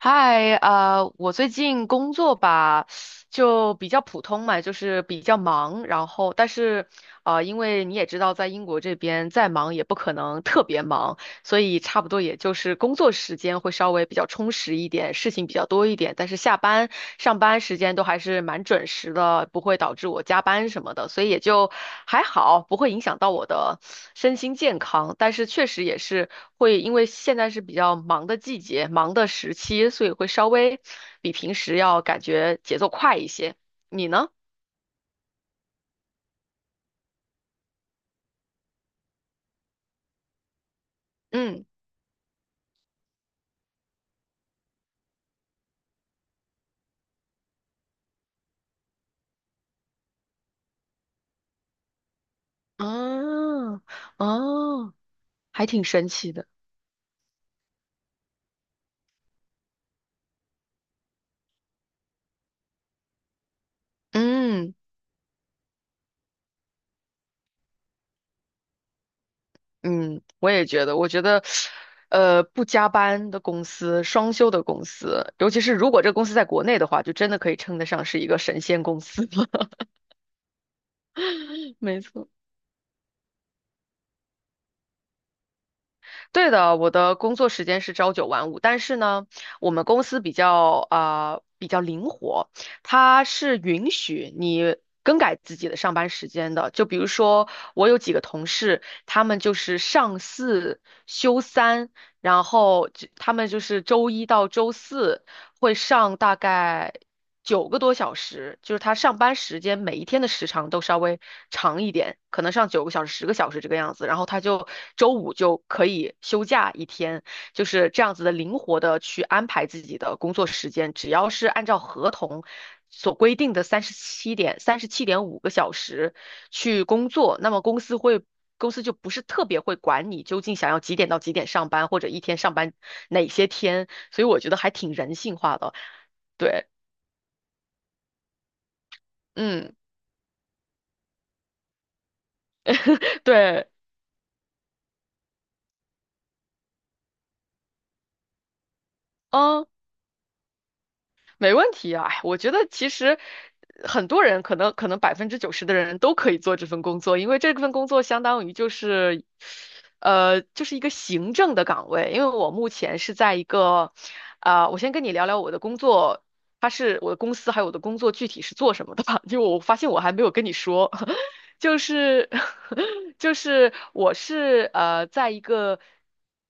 嗨，我最近工作吧，就比较普通嘛，就是比较忙，然后但是，因为你也知道，在英国这边再忙也不可能特别忙，所以差不多也就是工作时间会稍微比较充实一点，事情比较多一点，但是下班、上班时间都还是蛮准时的，不会导致我加班什么的，所以也就还好，不会影响到我的身心健康。但是确实也是会，因为现在是比较忙的季节、忙的时期，所以会稍微比平时要感觉节奏快一些。你呢？嗯，啊，哦，还挺神奇的。嗯。嗯，我也觉得，我觉得，不加班的公司，双休的公司，尤其是如果这个公司在国内的话，就真的可以称得上是一个神仙公司了。没错，对的，我的工作时间是朝九晚五，但是呢，我们公司比较灵活，它是允许你更改自己的上班时间的。就比如说，我有几个同事，他们就是上四休三，然后他们就是周一到周四。会上大概九个多小时，就是他上班时间每一天的时长都稍微长一点，可能上九个小时、十个小时这个样子。然后他就周五就可以休假一天，就是这样子的灵活的去安排自己的工作时间，只要是按照合同所规定的三十七点五个小时去工作，那么公司会。公司就不是特别会管你究竟想要几点到几点上班，或者一天上班哪些天，所以我觉得还挺人性化的。对，嗯，对，嗯，没问题啊，哎我觉得其实很多人可能百分之九十的人都可以做这份工作，因为这份工作相当于就是一个行政的岗位。因为我目前是在一个，我先跟你聊聊我的工作，它是我的公司还有我的工作具体是做什么的吧，因为我发现我还没有跟你说，就是 就是我是在一个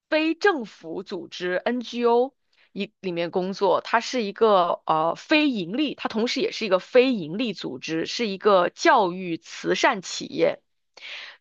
非政府组织 NGO 里面工作，它是一个非盈利，它同时也是一个非盈利组织，是一个教育慈善企业。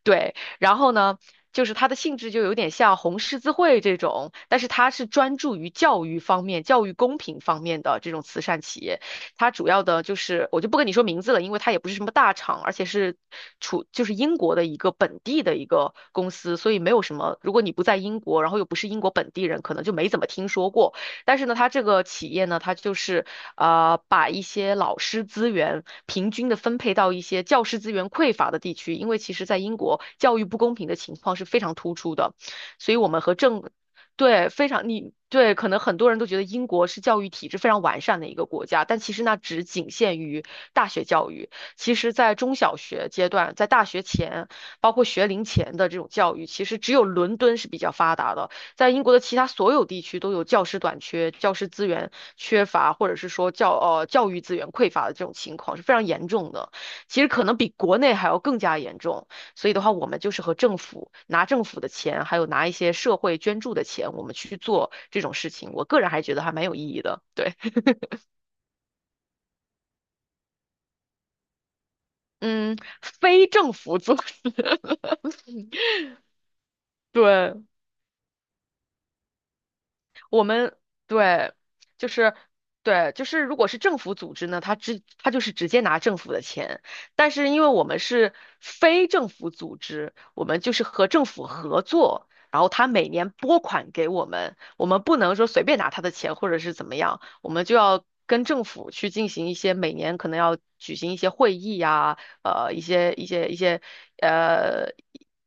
对，然后呢，就是它的性质就有点像红十字会这种，但是它是专注于教育方面、教育公平方面的这种慈善企业。它主要的就是，我就不跟你说名字了，因为它也不是什么大厂，而且就是英国的一个本地的一个公司，所以没有什么。如果你不在英国，然后又不是英国本地人，可能就没怎么听说过。但是呢，它这个企业呢，它就是把一些老师资源平均的分配到一些教师资源匮乏的地区，因为其实在英国教育不公平的情况是非常突出的，所以我们和政对，非常你对，可能很多人都觉得英国是教育体制非常完善的一个国家，但其实那只仅限于大学教育。其实，在中小学阶段，在大学前，包括学龄前的这种教育，其实只有伦敦是比较发达的。在英国的其他所有地区都有教师短缺、教师资源缺乏，或者是说教育资源匮乏的这种情况是非常严重的，其实可能比国内还要更加严重。所以的话，我们就是和政府拿政府的钱，还有拿一些社会捐助的钱，我们去做这种事情，我个人还觉得还蛮有意义的。对，嗯，非政府组织，对。我们对，就是对，就是如果是政府组织呢，他就是直接拿政府的钱，但是因为我们是非政府组织，我们就是和政府合作，然后他每年拨款给我们，我们不能说随便拿他的钱或者是怎么样，我们就要跟政府去进行一些每年可能要举行一些会议呀、呃一些一些一些呃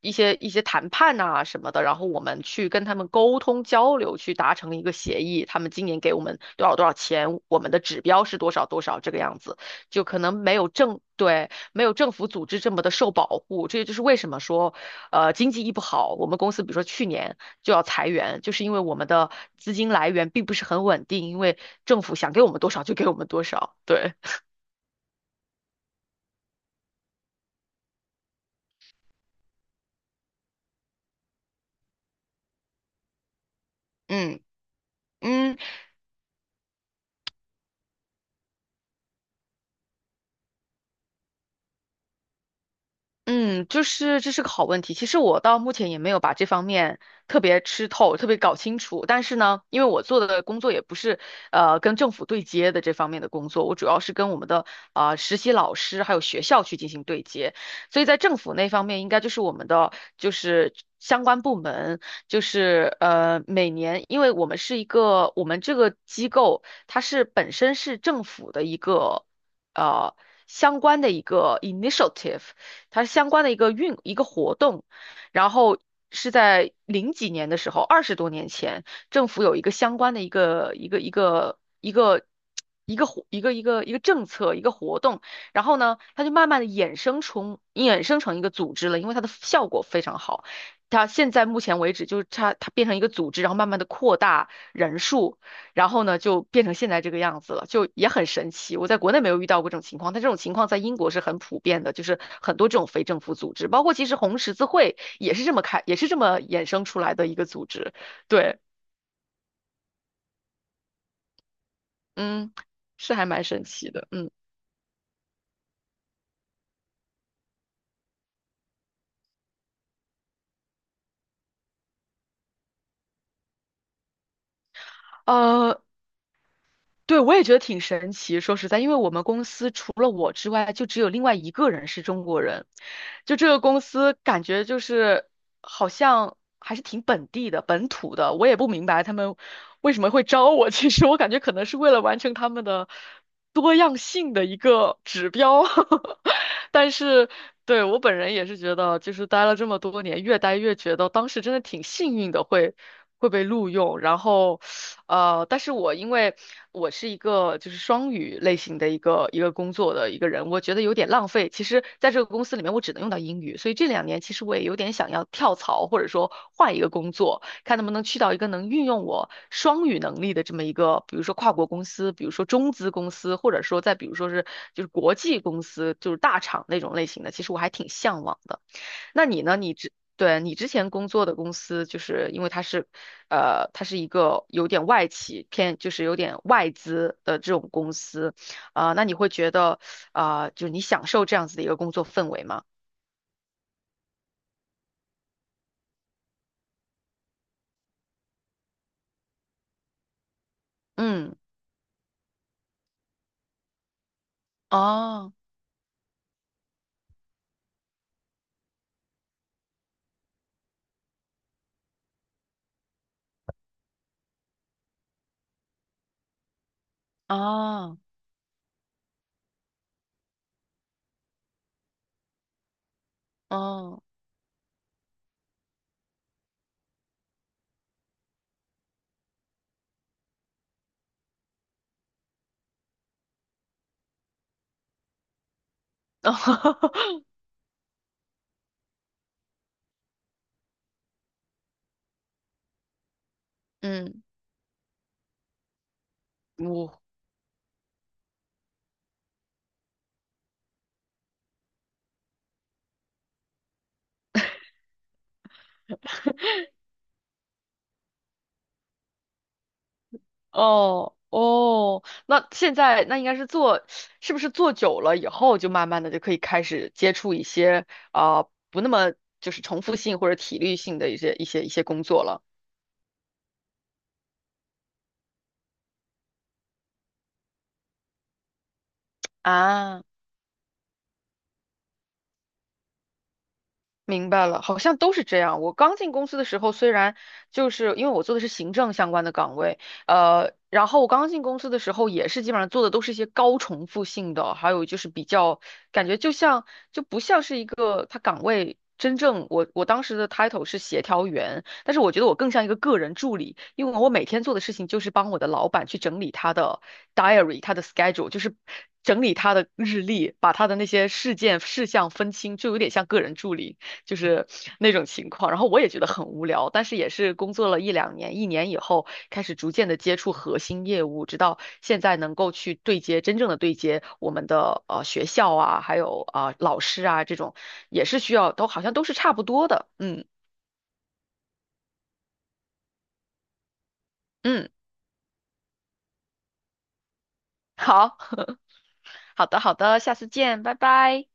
一些谈判呐、什么的，然后我们去跟他们沟通交流，去达成一个协议。他们今年给我们多少多少钱，我们的指标是多少多少这个样子，就可能没有政对，没有政府组织这么的受保护。这也就是为什么说，经济一不好，我们公司比如说去年就要裁员，就是因为我们的资金来源并不是很稳定，因为政府想给我们多少就给我们多少，对。嗯嗯，嗯，就是这是个好问题。其实我到目前也没有把这方面特别吃透、特别搞清楚。但是呢，因为我做的工作也不是跟政府对接的这方面的工作，我主要是跟我们的实习老师还有学校去进行对接。所以在政府那方面，应该就是我们的就是相关部门，就是每年，因为我们是一个我们这个机构，它是本身是政府的一个呃。相关的一个 initiative，它相关的一个活动，然后是在零几年的时候，二十多年前，政府有一个相关的一个一个一个一个一个活一个一个一个政策一个活动，然后呢，它就慢慢的衍生成一个组织了，因为它的效果非常好。它现在目前为止，就是它变成一个组织，然后慢慢的扩大人数。然后呢，就变成现在这个样子了，就也很神奇。我在国内没有遇到过这种情况，但这种情况在英国是很普遍的，就是很多这种非政府组织，包括其实红十字会也是这么开，也是这么衍生出来的一个组织。对，嗯，是还蛮神奇的，嗯，呃，对，我也觉得挺神奇。说实在，因为我们公司除了我之外，就只有另外一个人是中国人。就这个公司，感觉就是好像还是挺本地的、本土的。我也不明白他们为什么会招我。其实我感觉可能是为了完成他们的多样性的一个指标。但是对我本人也是觉得，就是待了这么多年，越待越觉得当时真的挺幸运的，会被录用，然后。但是我因为我是一个就是双语类型的一个工作的一个人，我觉得有点浪费。其实在这个公司里面，我只能用到英语，所以这两年其实我也有点想要跳槽，或者说换一个工作，看能不能去到一个能运用我双语能力的这么一个，比如说跨国公司，比如说中资公司，或者说再比如说是就是国际公司，就是大厂那种类型的，其实我还挺向往的。那你呢？你之前工作的公司，就是因为它是，它是一个有点外企偏，就是有点外资的这种公司，那你会觉得，就是你享受这样子的一个工作氛围吗？嗯，哦，哦，哦，嗯。我哦哦，那现在那应该是做，是不是做久了以后就慢慢的就可以开始接触一些不那么就是重复性或者体力性的一些工作了啊？明白了，好像都是这样。我刚进公司的时候，虽然就是因为我做的是行政相关的岗位，然后我刚进公司的时候也是基本上做的都是一些高重复性的，还有就是比较感觉就像就不像是一个他岗位真正我当时的 title 是协调员，但是我觉得我更像一个个人助理，因为我每天做的事情就是帮我的老板去整理他的 diary，他的 schedule，就是整理他的日历，把他的那些事件事项分清，就有点像个人助理。就是那种情况。然后我也觉得很无聊，但是也是工作了一两年，一年以后开始逐渐的接触核心业务，直到现在能够去对接真正的对接我们的学校啊，还有老师啊这种，也是需要都好像都是差不多的。嗯嗯，好好的好的，下次见，拜拜。